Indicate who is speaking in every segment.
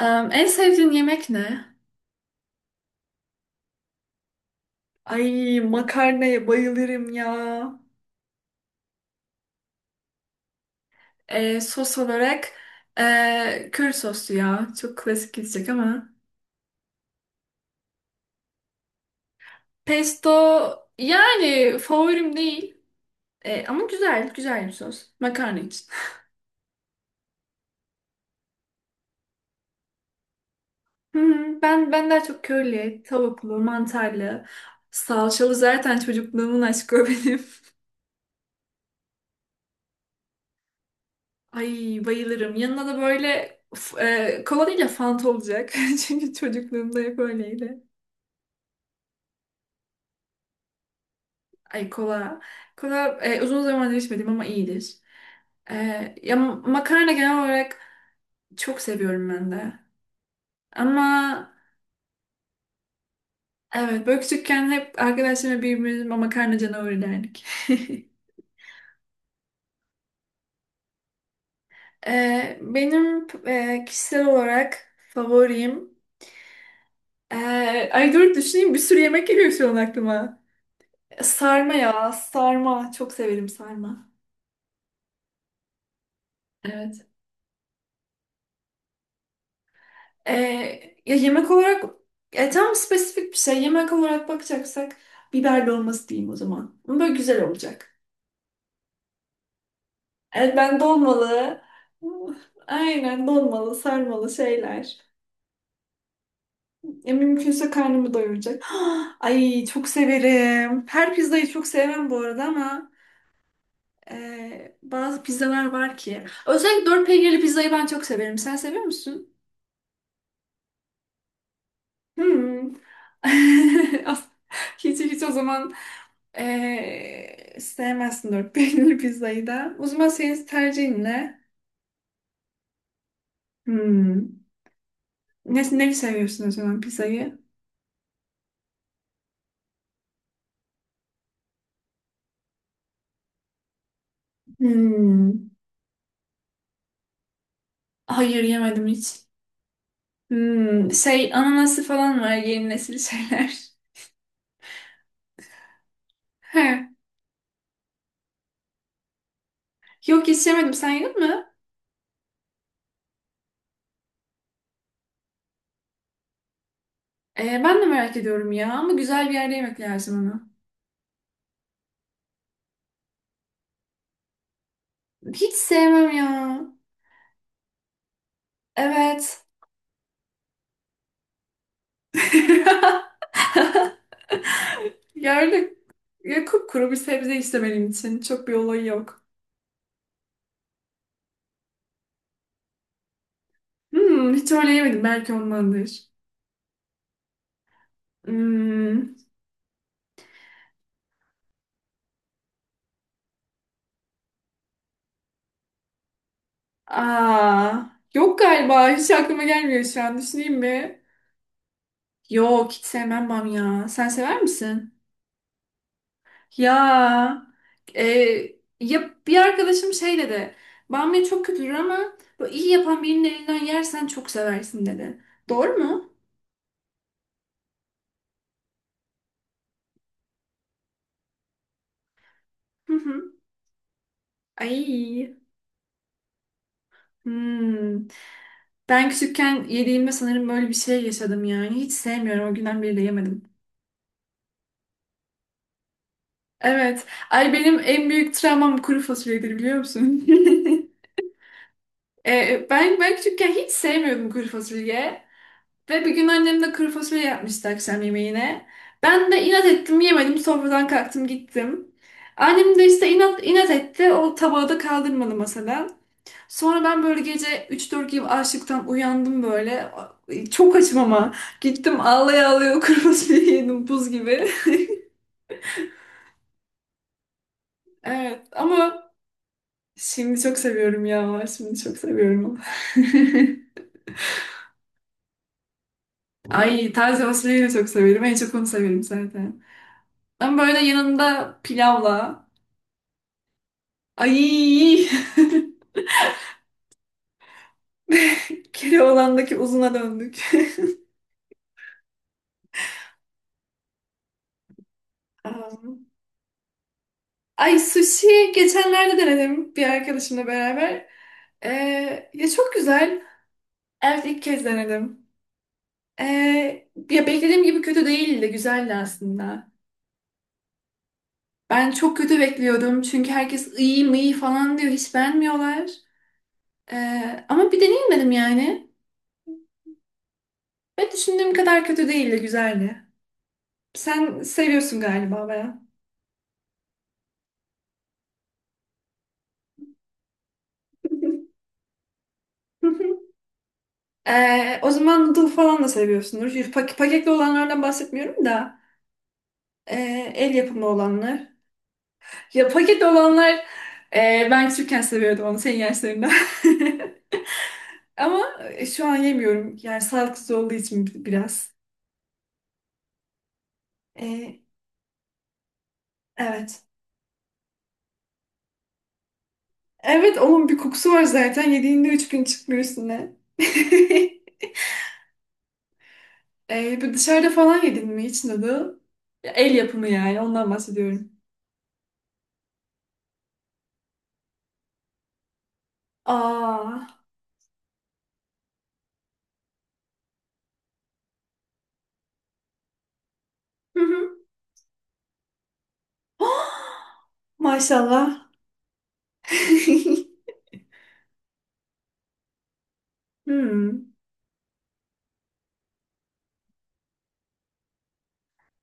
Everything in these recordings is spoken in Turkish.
Speaker 1: En sevdiğin yemek ne? Ay makarnaya bayılırım ya. Sos olarak köri soslu ya. Çok klasik gidecek ama. Pesto yani favorim değil. Ama güzel, güzel bir sos. Makarna için. Hmm, ben daha çok körili, tavuklu, mantarlı, salçalı zaten çocukluğumun aşkı o benim. Ay bayılırım. Yanına da böyle kola değil de Fanta olacak. Çünkü çocukluğumda hep öyleydi. Ay kola. Kola, uzun zamandır içmedim ama iyidir. E, Ya makarna genel olarak çok seviyorum ben de. Ama evet, böyle küçükken hep arkadaşlarımla birbirimize makarna canavarı derdik. Benim kişisel olarak favorim. e, Ay dur düşüneyim, bir sürü yemek geliyor şu an aklıma. Sarma ya, sarma. Çok severim sarma. Evet. Ee, Ya yemek olarak tam spesifik bir şey. Yemek olarak bakacaksak biber dolması diyeyim o zaman. Ama böyle güzel olacak. Evet, ben dolmalı. uh, Aynen, dolmalı, sarmalı şeyler. Mümkünse karnımı doyuracak. Ay çok severim. Her pizzayı çok sevmem bu arada, ama bazı pizzalar var ki. Özellikle dört peynirli pizzayı ben çok severim. Sen seviyor musun? Hmm. As- Hiç hiç, o zaman sevmezsin dört peynirli pizzayı da. O zaman senin tercihin ne? Hmm. Ne, neyi seviyorsun o zaman pizzayı? Hmm. Hayır, yemedim hiç. Hmm. Şey, ananası falan var, yeni nesil şeyler. He. Yok, hiç yemedim. Sen yedin mi? Ben de merak ediyorum ya, ama güzel bir yerde yemek lazım onu. Hiç sevmem ya. Evet. Gördük. Ya kupkuru bir sebze işte benim için. Çok bir olayı yok. Hmm, hiç öyle yemedim. Belki ondandır. Hmm, aa, yok galiba. Hiç aklıma gelmiyor şu an. Düşüneyim mi? Yok, hiç sevmem bamya. Sen sever misin? Ya, e, ya bir arkadaşım şey dedi. Bamya çok kötüdür ama böyle iyi yapan birinin elinden yersen çok seversin dedi. Doğru mu? Hı hı. Ay. Hmm. Ben küçükken yediğimde sanırım böyle bir şey yaşadım yani. Hiç sevmiyorum. O günden beri de yemedim. Evet. Ay benim en büyük travmam kuru fasulyedir, biliyor musun? Ben küçükken hiç sevmiyordum kuru fasulye. Ve bir gün annem de kuru fasulye yapmıştı akşam yemeğine. Ben de inat ettim, yemedim. Sofradan kalktım gittim. Annem de işte inat etti. O tabağı da kaldırmadı masadan. Sonra ben böyle gece 3-4 gibi açlıktan uyandım böyle. Çok açım ama. Gittim ağlaya ağlaya o kırmızı biberi yedim buz gibi. Evet ama şimdi çok seviyorum ya. Şimdi çok seviyorum onu. Ay, taze fasulyeyi de çok severim. En çok onu severim zaten. Ama böyle yanında pilavla. Ay Keloğlan'daki uzuna döndük. Um, Ay sushi geçenlerde denedim bir arkadaşımla beraber. Ya çok güzel. Evet, ilk kez denedim. Ee, Ya beklediğim gibi kötü değildi. Güzeldi aslında. Ben çok kötü bekliyordum. Çünkü herkes iyi mi iyi falan diyor. Hiç beğenmiyorlar. Ama bir deneyim yani. Ve düşündüğüm kadar kötü değildi. Güzeldi. Sen seviyorsun galiba baya. O zaman noodle falan da seviyorsundur. Paketli olanlardan bahsetmiyorum da. El yapımı olanlar. Ya paket olanlar, ben küçükken seviyordum onu senin yaşlarında. Ama şu an yemiyorum. Yani sağlıksız olduğu için biraz. E, evet. Evet, onun bir kokusu var zaten. Yediğinde üç gün çıkmıyor üstüne. Bu dışarıda falan yedin mi hiç dadı? Ya, el yapımı yani, ondan bahsediyorum. Aa. Hı hı. Maşallah. Hmm.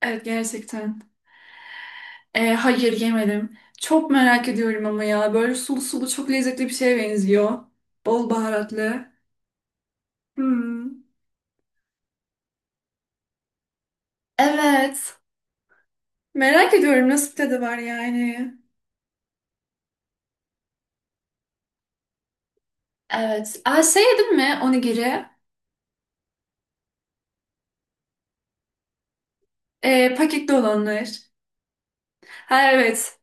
Speaker 1: Evet, gerçekten. Hayır, yemedim. Çok merak ediyorum ama ya. Böyle sulu sulu çok lezzetli bir şeye benziyor. Bol baharatlı. Hmm. Evet. Merak ediyorum nasıl bir tadı var yani. Evet. Aa, şey yedin mi, onigiri? Paketli olanlar. Ha, evet.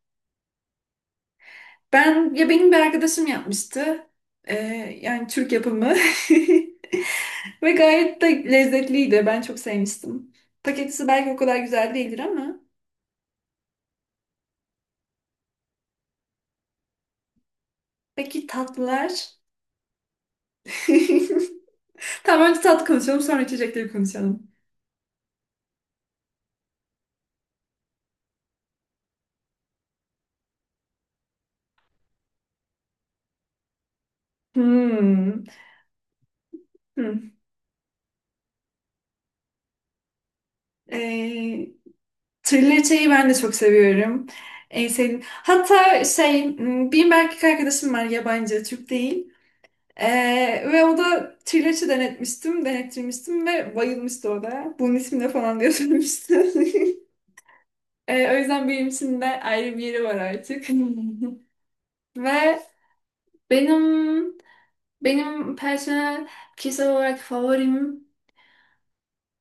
Speaker 1: Benim bir arkadaşım yapmıştı. E, Yani Türk yapımı. Ve gayet de lezzetliydi. Ben çok sevmiştim. Paketisi belki o kadar güzel değildir ama. Peki tatlılar? Tamam, önce tatlı konuşalım, sonra içecekleri konuşalım. Hmm. Hmm. Ee, Thriller şeyi ben de çok seviyorum. En sevdiğim. Hatta şey, hmm, benim bir erkek arkadaşım var yabancı, Türk değil. Ve o da Triller'i denettirmiştim ve bayılmıştı o da. Bunun ismi ne falan diye sormuştu. O yüzden benim için de ayrı bir yeri var artık. Ve benim benim personel kişisel olarak favorim.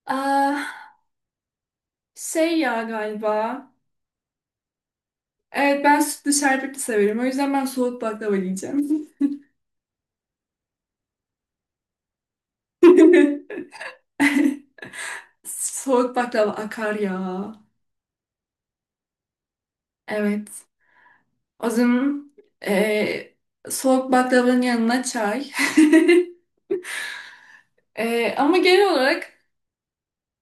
Speaker 1: Aa, şey ya galiba. Evet, ben sütlü şerbetli severim. O yüzden ben soğuk baklava diyeceğim. Soğuk baklava akar ya. Evet. O zaman eee, soğuk baklavanın yanına çay. Ama genel olarak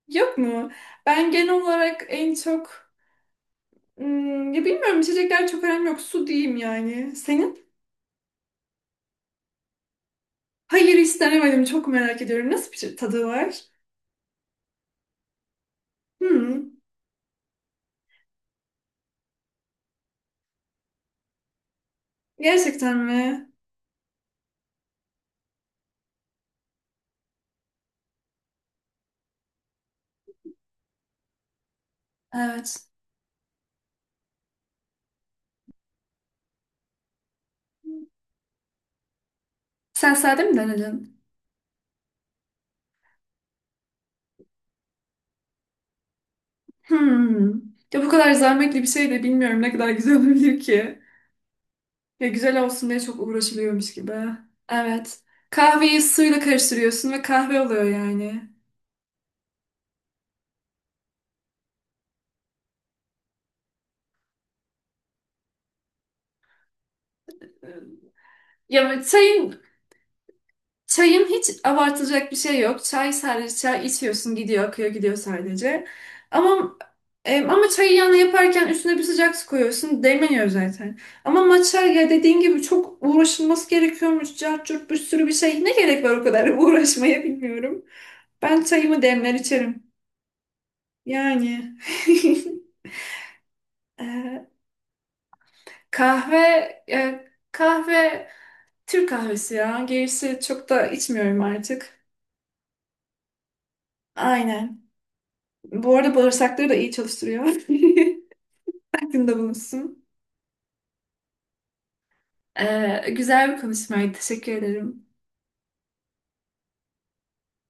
Speaker 1: yok mu? Ben genel olarak en çok hmm, ya bilmiyorum, içecekler çok önemli yok. Su diyeyim yani. Senin? Hayır, hiç denemedim. Çok merak ediyorum. Nasıl bir şey, tadı var? Hmm, gerçekten mi? Evet. Sen sade mi denedin? Hmm. Ya bu kadar zahmetli bir şey de bilmiyorum ne kadar güzel olabilir ki. Ya güzel olsun diye çok uğraşılıyormuş gibi. Evet. Kahveyi suyla karıştırıyorsun ve kahve oluyor yani. Ya çayın Çayım hiç abartılacak bir şey yok. Çay, sadece çay içiyorsun, gidiyor, akıyor gidiyor sadece. Ama ama çayı yanına yaparken üstüne bir sıcak su koyuyorsun, değmeniyor zaten. Ama matcha ya, dediğin gibi çok uğraşılması gerekiyormuş. Cart curt bir sürü bir şey. Ne gerek var o kadar uğraşmaya, bilmiyorum. Ben çayımı demler içerim. Yani. Ee, kahve kahve, Türk kahvesi ya. Gerisi çok da içmiyorum artık. Aynen. Bu arada bağırsakları da iyi çalıştırıyor. Aklında bulunsun. Güzel bir konuşmaydı. Teşekkür ederim.